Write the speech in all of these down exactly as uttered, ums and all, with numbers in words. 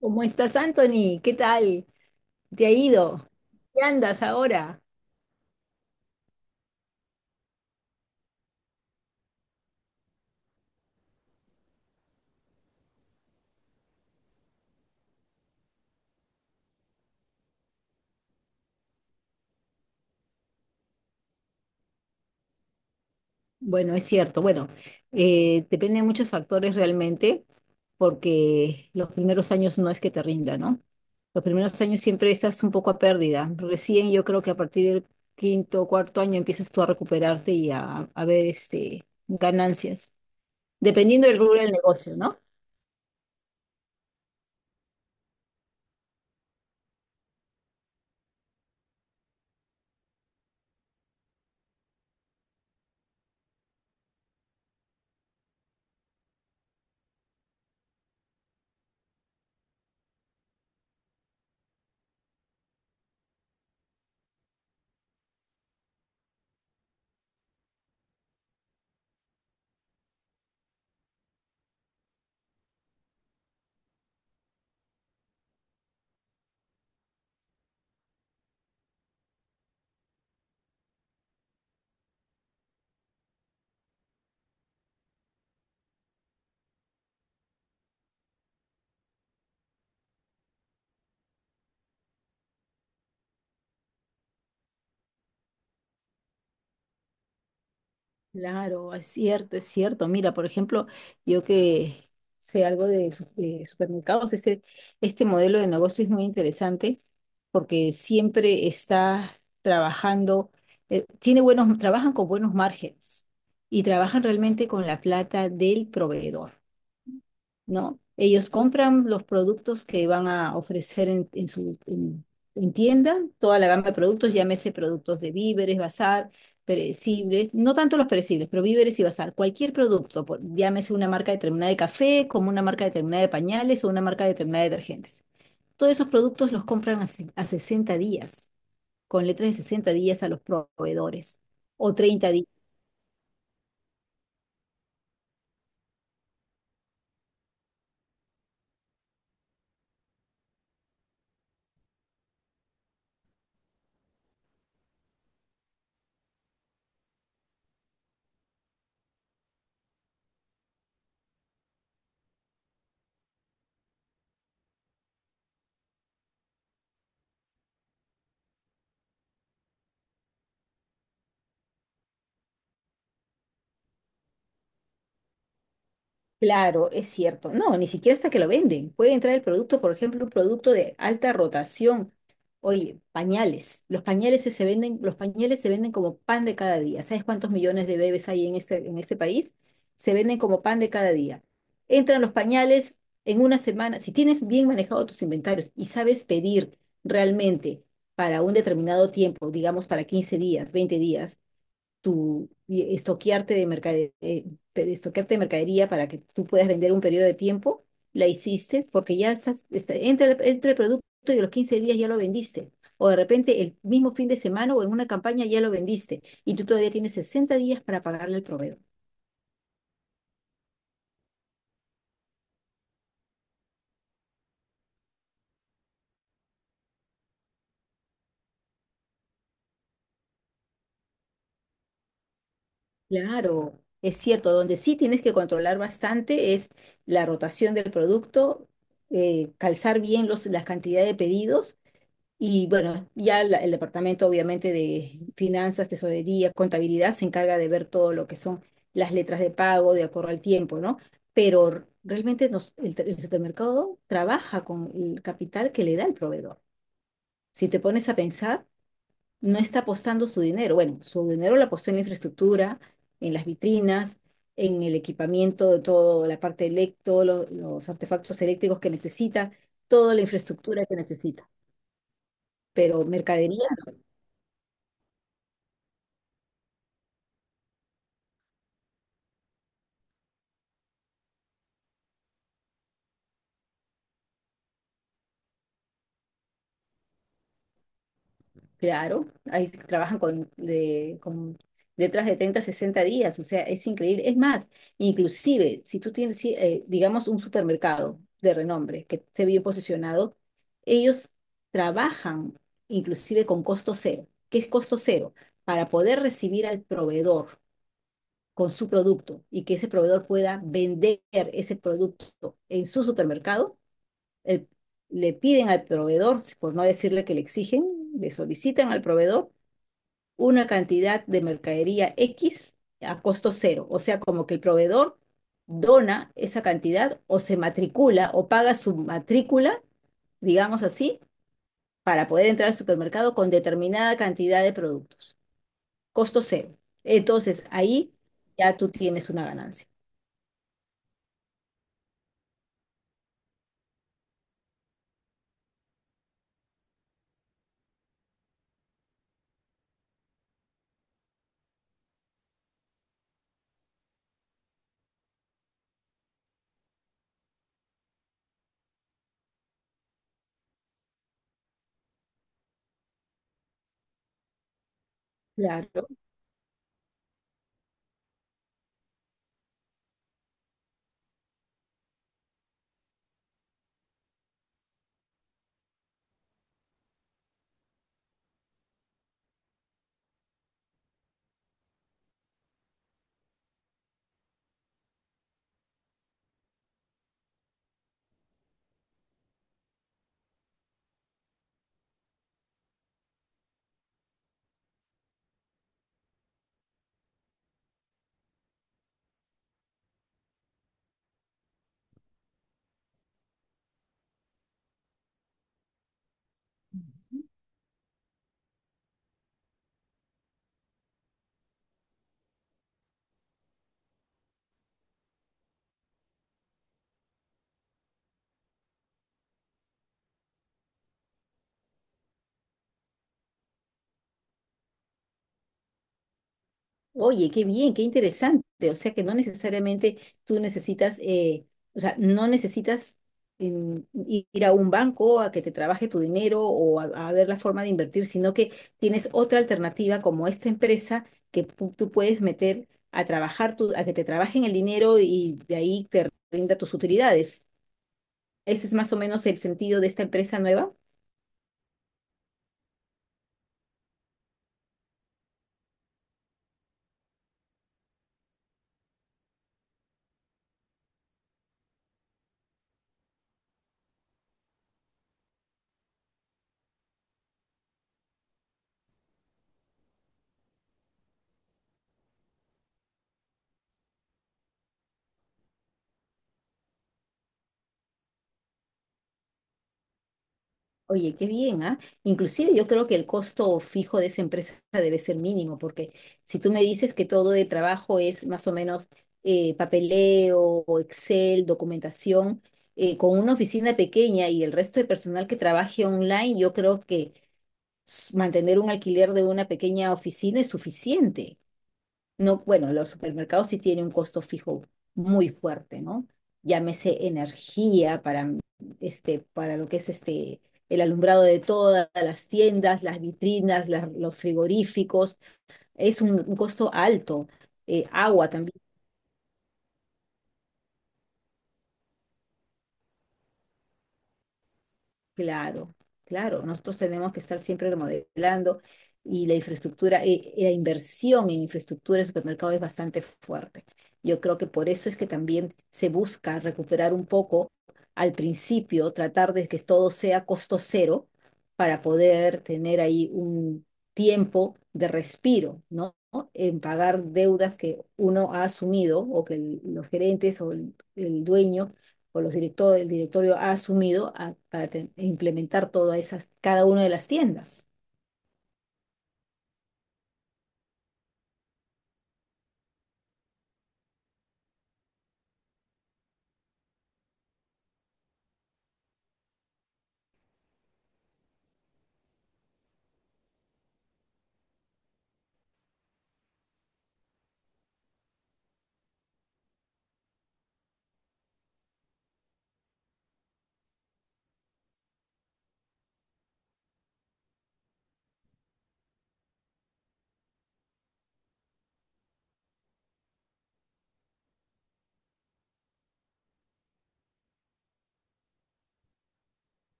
¿Cómo estás, Anthony? ¿Qué tal? ¿Te ha ido? ¿Qué andas ahora? Bueno, es cierto. Bueno, eh, depende de muchos factores realmente, porque los primeros años no es que te rinda, ¿no? Los primeros años siempre estás un poco a pérdida. Recién yo creo que a partir del quinto, cuarto año empiezas tú a recuperarte y a, a ver este, ganancias, dependiendo del rubro del negocio, ¿no? Claro, es cierto, es cierto. Mira, por ejemplo, yo que sé algo de, su- de supermercados, este, este modelo de negocio es muy interesante porque siempre está trabajando, eh, tiene buenos, trabajan con buenos márgenes y trabajan realmente con la plata del proveedor. ¿No? Ellos compran los productos que van a ofrecer en, en su en, en tienda, toda la gama de productos, llámese productos de víveres, bazar, perecibles, no tanto los perecibles, pero víveres y bazar, cualquier producto, por- llámese una marca determinada de café, como una marca determinada de pañales o una marca determinada de detergentes. Todos esos productos los compran a, se- a sesenta días, con letras de sesenta días a los proveedores o treinta. Claro, es cierto. No, ni siquiera hasta que lo venden. Puede entrar el producto, por ejemplo, un producto de alta rotación. Oye, pañales. Los pañales se se venden, los pañales se venden como pan de cada día. ¿Sabes cuántos millones de bebés hay en este, en este país? Se venden como pan de cada día. Entran los pañales en una semana. Si tienes bien manejado tus inventarios y sabes pedir realmente para un determinado tiempo, digamos para quince días, veinte días, tu y estoquearte de mercade mercadería, estoquearte de mercadería para que tú puedas vender un periodo de tiempo, la hiciste porque ya estás, está, entre, el- entre el producto y los quince días ya lo vendiste. O de repente el mismo fin de semana o en una campaña ya lo vendiste y tú todavía tienes sesenta días para pagarle al proveedor. Claro, es cierto, donde sí tienes que controlar bastante es la rotación del producto, eh, calzar bien los, la cantidad de pedidos. Y bueno, ya la- el departamento obviamente de finanzas, tesorería, contabilidad se encarga de ver todo lo que son las letras de pago de acuerdo al tiempo, ¿no? Pero realmente nos- el, el supermercado trabaja con el capital que le da el proveedor. Si te pones a pensar, no está apostando su dinero. Bueno, su dinero lo apostó en la infraestructura, en las vitrinas, en el equipamiento de todo, la parte electo, lo- los artefactos eléctricos que necesita, toda la infraestructura que necesita. Pero mercadería. Claro, ahí se trabajan con, de- con letras de treinta a sesenta días, o sea, es increíble. Es más, inclusive, si tú tienes, sí, eh, digamos, un supermercado de renombre que esté bien posicionado, ellos trabajan inclusive con costo cero. ¿Qué es costo cero? Para poder recibir al proveedor con su producto y que ese proveedor pueda vender ese producto en su supermercado, el- le piden al proveedor, por no decirle que le exigen, le solicitan al proveedor una cantidad de mercadería X a costo cero. O sea, como que el proveedor dona esa cantidad o se matricula o paga su matrícula, digamos así, para poder entrar al supermercado con determinada cantidad de productos. Costo cero. Entonces, ahí ya tú tienes una ganancia. Claro. Oye, qué bien, qué interesante. O sea que no necesariamente tú necesitas, eh, o sea, no necesitas mm, i- ir a un banco a que te trabaje tu dinero o a, a ver la forma de invertir, sino que tienes otra alternativa como esta empresa que pu- tú puedes meter a trabajar tu, a que te trabajen el dinero y de ahí te rinda tus utilidades. Ese es más o menos el sentido de esta empresa nueva. Oye, qué bien, ¿ah? Inclusive yo creo que el costo fijo de esa empresa debe ser mínimo, porque si tú me dices que todo de trabajo es más o menos eh, papeleo, o Excel, documentación, eh, con una oficina pequeña y el resto de personal que trabaje online, yo creo que s- mantener un alquiler de una pequeña oficina es suficiente. No, bueno, los supermercados sí tienen un costo fijo muy fuerte, ¿no? Llámese energía para, este, para lo que es este, el alumbrado de todas las tiendas, las vitrinas, las- los frigoríficos, es un, un costo alto. Eh, agua también. Claro, claro, nosotros tenemos que estar siempre remodelando y la infraestructura, eh, la inversión en infraestructura de supermercado es bastante fuerte. Yo creo que por eso es que también se busca recuperar un poco al principio, tratar de que todo sea costo cero para poder tener ahí un tiempo de respiro, ¿no? En pagar deudas que uno ha asumido o que el- los gerentes o el el dueño o los directores, el directorio ha asumido a- para te- implementar todas esas, cada una de las tiendas.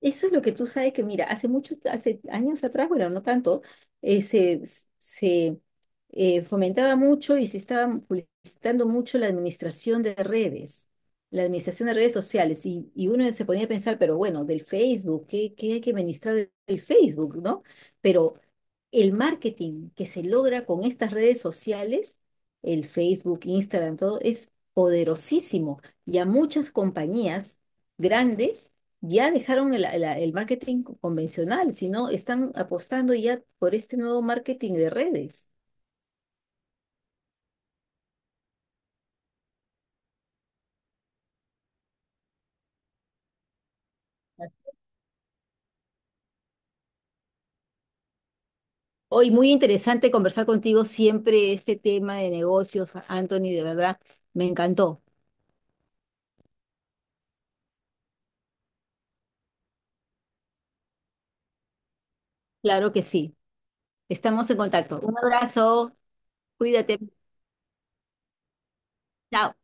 Eso es lo que tú sabes que, mira, hace muchos, hace años atrás, bueno, no tanto, eh, se, se eh, fomentaba mucho y se estaba publicitando mucho la administración de redes, la administración de redes sociales. Y, y uno se ponía a pensar, pero bueno, del Facebook, ¿qué, qué hay que administrar de- del Facebook, ¿no? Pero el marketing que se logra con estas redes sociales, el Facebook, Instagram, todo, es poderosísimo. Y a muchas compañías grandes ya dejaron el, el- el marketing convencional, sino están apostando ya por este nuevo marketing de redes. Hoy muy interesante conversar contigo siempre este tema de negocios, Anthony, de verdad, me encantó. Claro que sí. Estamos en contacto. Un abrazo, cuídate. Chao.